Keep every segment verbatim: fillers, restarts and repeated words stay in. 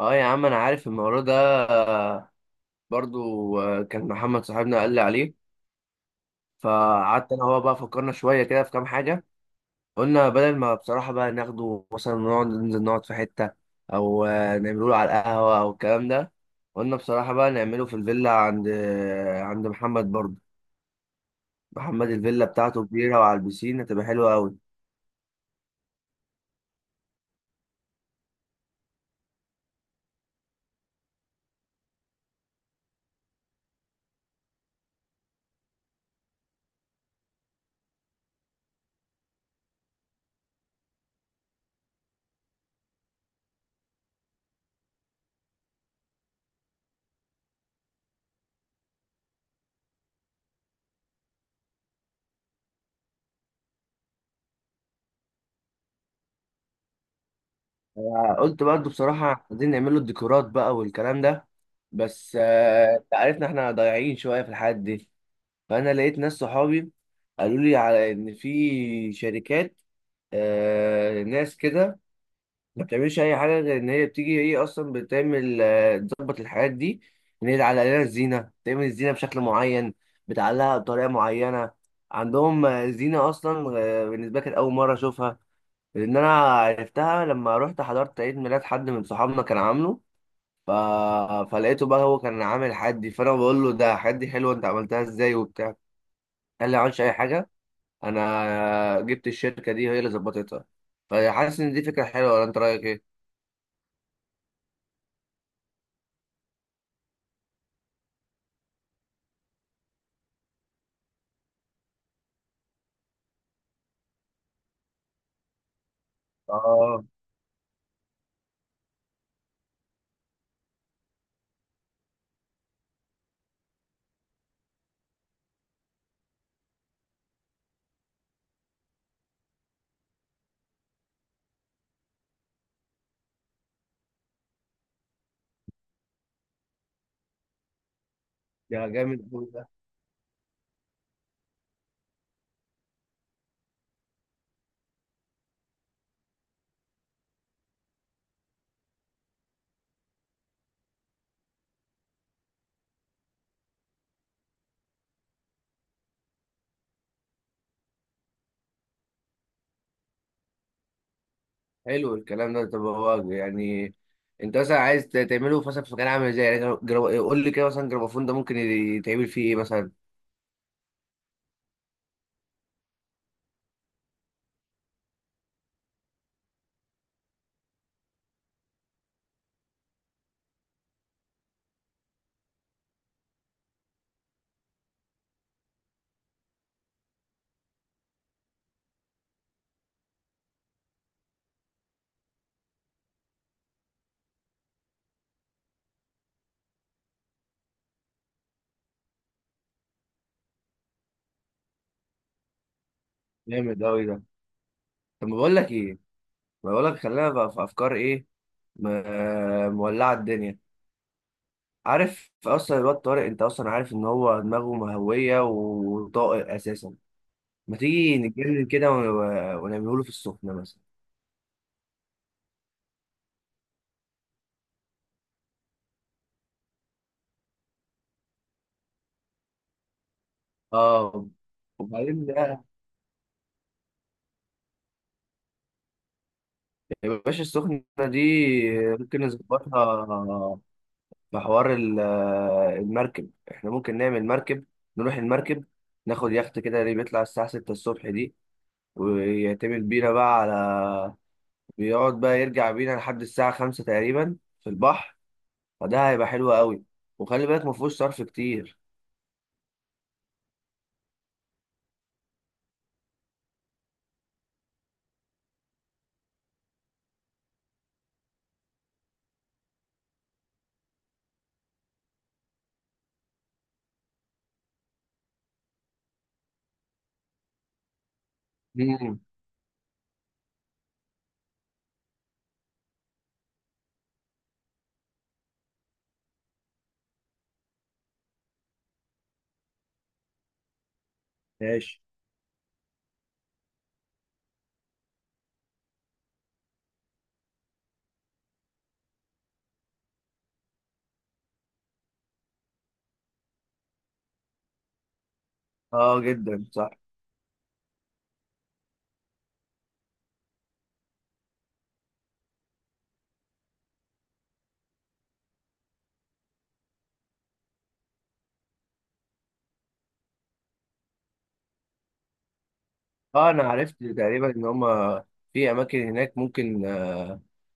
اه يا عم انا عارف الموضوع ده، آه، برضو آه، كان محمد صاحبنا قال لي عليه. فقعدت انا هو بقى فكرنا شويه كده في كام حاجه. قلنا بدل ما بصراحه بقى ناخده مثلا نقعد ننزل نقعد في حته او آه، نعمله له على القهوه او الكلام ده. قلنا بصراحه بقى نعمله في الفيلا عند آه، عند محمد برضو. محمد الفيلا بتاعته كبيره وعلى البسين هتبقى حلوه قوي. قلت برضو بصراحه عايزين نعمله الديكورات بقى والكلام ده، بس آه، انت عارفنا احنا ضايعين شويه في الحاجات دي. فانا لقيت ناس صحابي قالوا لي على ان في شركات، آه ناس كده، ما بتعملش اي حاجه غير ان هي بتيجي هي اصلا بتعمل آه، تظبط الحاجات دي، ان هي تعلق لنا الزينه تعمل الزينه بشكل معين، بتعلقها بطريقه معينه. عندهم آه، زينه اصلا. آه، بالنسبه لي كانت اول مره اشوفها، لان انا عرفتها لما رحت حضرت عيد ميلاد حد من صحابنا كان عامله. ف... فلقيته بقى هو كان عامل حدي، فانا بقول له ده حدي حلو انت عملتها ازاي وبتاع. قال لي ما عملتش اي حاجه، انا جبت الشركه دي هي اللي ظبطتها. فحاسس ان دي فكره حلوه ولا انت رايك ايه؟ اه ده جامد قوي ده. حلو الكلام ده. طب هو يعني انت مثلا عايز ت- تعمله في مثلا في مكان عامل ازاي، يعني جرا- جرا- قول لي كده مثلا جرافون ده ممكن يتعمل فيه ايه مثلا؟ جامد قوي ده. طب ما بقول لك ايه، ما بقول لك خلينا بقى في افكار ايه. م- مولعه الدنيا. عارف اصلا الواد طارق انت اصلا عارف ان هو دماغه مهويه وطاقه اساسا. ما تيجي نتجنن كده ون- ونعمله له في السخنه مثلا. اه وبعدين بقى. يا باشا السخنة دي ممكن نظبطها في حوار ال- المركب. احنا ممكن نعمل مركب، نروح المركب، ناخد يخت كده اللي بيطلع الساعة ستة الصبح دي، ويعتمد بينا بقى على، بيقعد بقى يرجع بينا لحد الساعة خمسة تقريبا في البحر. فده هيبقى حلو قوي، وخلي بالك مفهوش صرف كتير. مم. ماشي. اه جدا صح. اه انا عرفت تقريبا ان هما في اماكن هناك ممكن،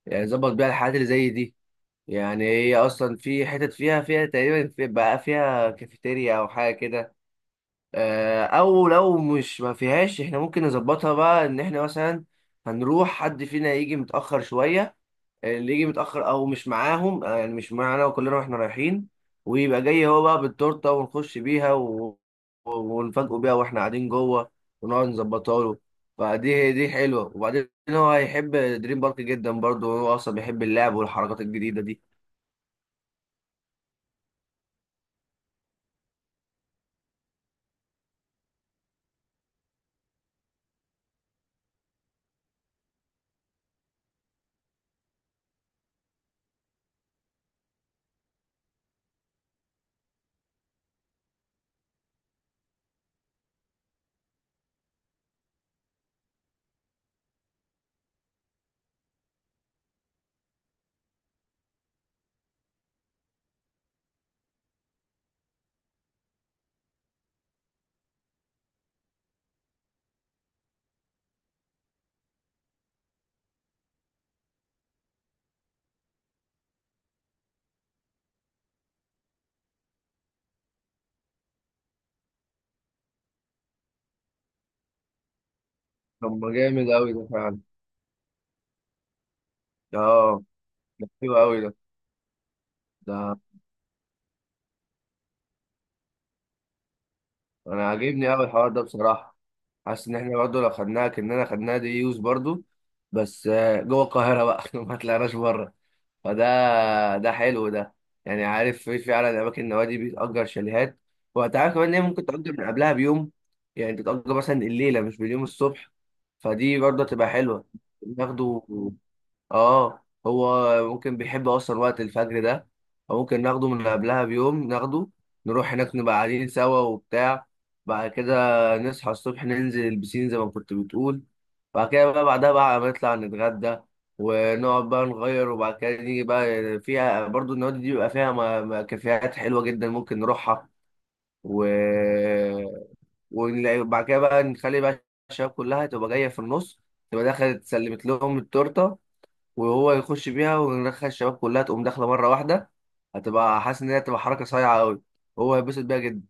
يعني ظبط بيها الحاجات اللي زي دي. يعني هي اصلا في حتت فيها فيها تقريبا في بقى فيها كافيتيريا او حاجه كده، آه، او لو مش ما فيهاش احنا ممكن نظبطها بقى ان احنا مثلا هنروح حد فينا يجي متاخر شويه. اللي يجي متأخر أو مش معاهم، آه، يعني مش معانا، وكلنا واحنا رايحين ويبقى جاي هو بقى بالتورتة ونخش بيها و... و- ونفاجئه بيها واحنا قاعدين جوه ونقعد نظبطها له. فدي دي حلوة. وبعدين هو هيحب دريم بارك جدا برضه، وهو أصلا بيحب اللعب والحركات الجديدة دي. طب ما جامد أوي ده فعلا. اه ده حلو أوي ده. ده أنا عاجبني أوي الحوار ده بصراحة. حاسس ان احنا برضه لو خدناها كاننا خدناها دي يوز برضه، بس آه، جوه القاهره بقى ما طلعناش بره. فده ده حلو ده. يعني عارف في فعلا اماكن النوادي بتأجر شاليهات، وهتعرف كمان ان هي ممكن تأجر من قبلها بيوم، يعني تتأجر مثلا الليله مش باليوم الصبح. فدي برضه تبقى حلوه. ناخده. اه هو ممكن بيحب اصلا وقت الفجر ده، فممكن ناخده من قبلها بيوم ناخده، نروح هناك نبقى قاعدين سوا وبتاع. بعد كده نصحى الصبح ننزل البسين زي ما كنت بتقول، بعد كده بقى بعدها بقى نطلع نتغدى ونقعد بقى نغير، وبعد كده نيجي بقى فيها برضو. النوادي دي بيبقى فيها م- م- كافيهات حلوة جدا ممكن نروحها. و... وبعد كده بقى نخلي بقى الشباب كلها تبقى جاية في النص، تبقى دخلت سلمت لهم التورتة وهو يخش بيها وندخل الشباب كلها تقوم داخله مره واحده. هتبقى حاسس ان هي هتبقى حركه صايعه قوي، هو هيتبسط بيها جدا.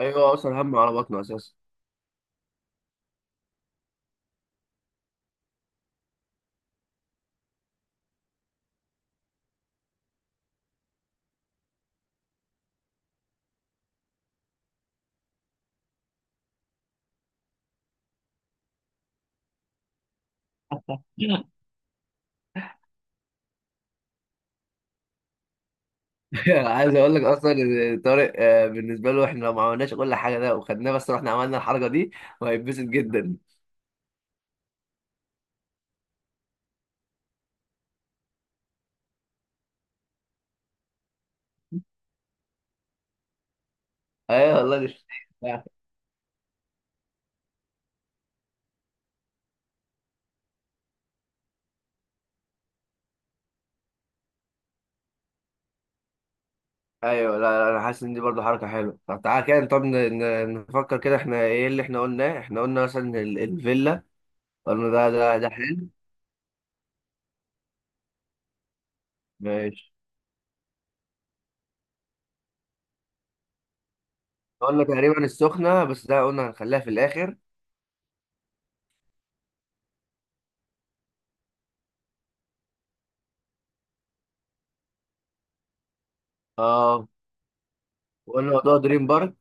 ايوه اصلا هم على بطنه اساسا. عايز اقول لك اصلا ان طارق آه، بالنسبه له احنا لو ما عملناش كل حاجه ده وخدناه بس رحنا عملنا الحركه دي، وهيتبسط جدا. ايوه والله مش ايوه. لا, لا انا حاسس ان دي برضه حركه حلوه. طب تعالى كده. طب ن- ن- نفكر كده احنا ايه اللي احنا قلناه. احنا قلنا مثلا ال- الفيلا، قلنا ده ده ده حلو. ماشي. قلنا تقريبا السخنة بس ده قلنا هنخليها في الآخر. اه وقلنا موضوع دريم بارك.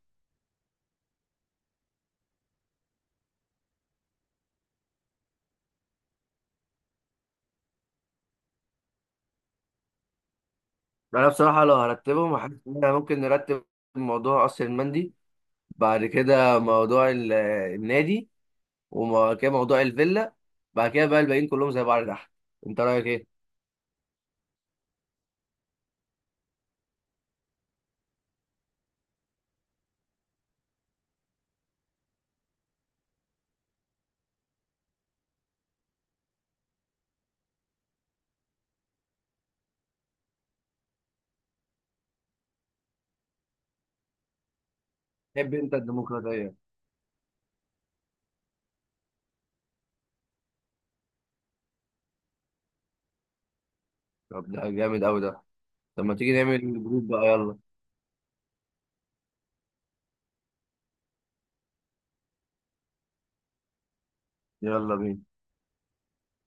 ده، أنا بصراحة لو هرتبهم حاسس إن إحنا ممكن نرتب موضوع قصر المندي، بعد كده موضوع ال- النادي، وبعد كده موضوع الفيلا، بعد كده بقى الباقيين كلهم زي بعض تحت. أنت رأيك إيه؟ تحب أنت الديمقراطية. طب ده جامد أوي ده. طب ما تيجي نعمل جروب بقى، يلا. يلا بينا.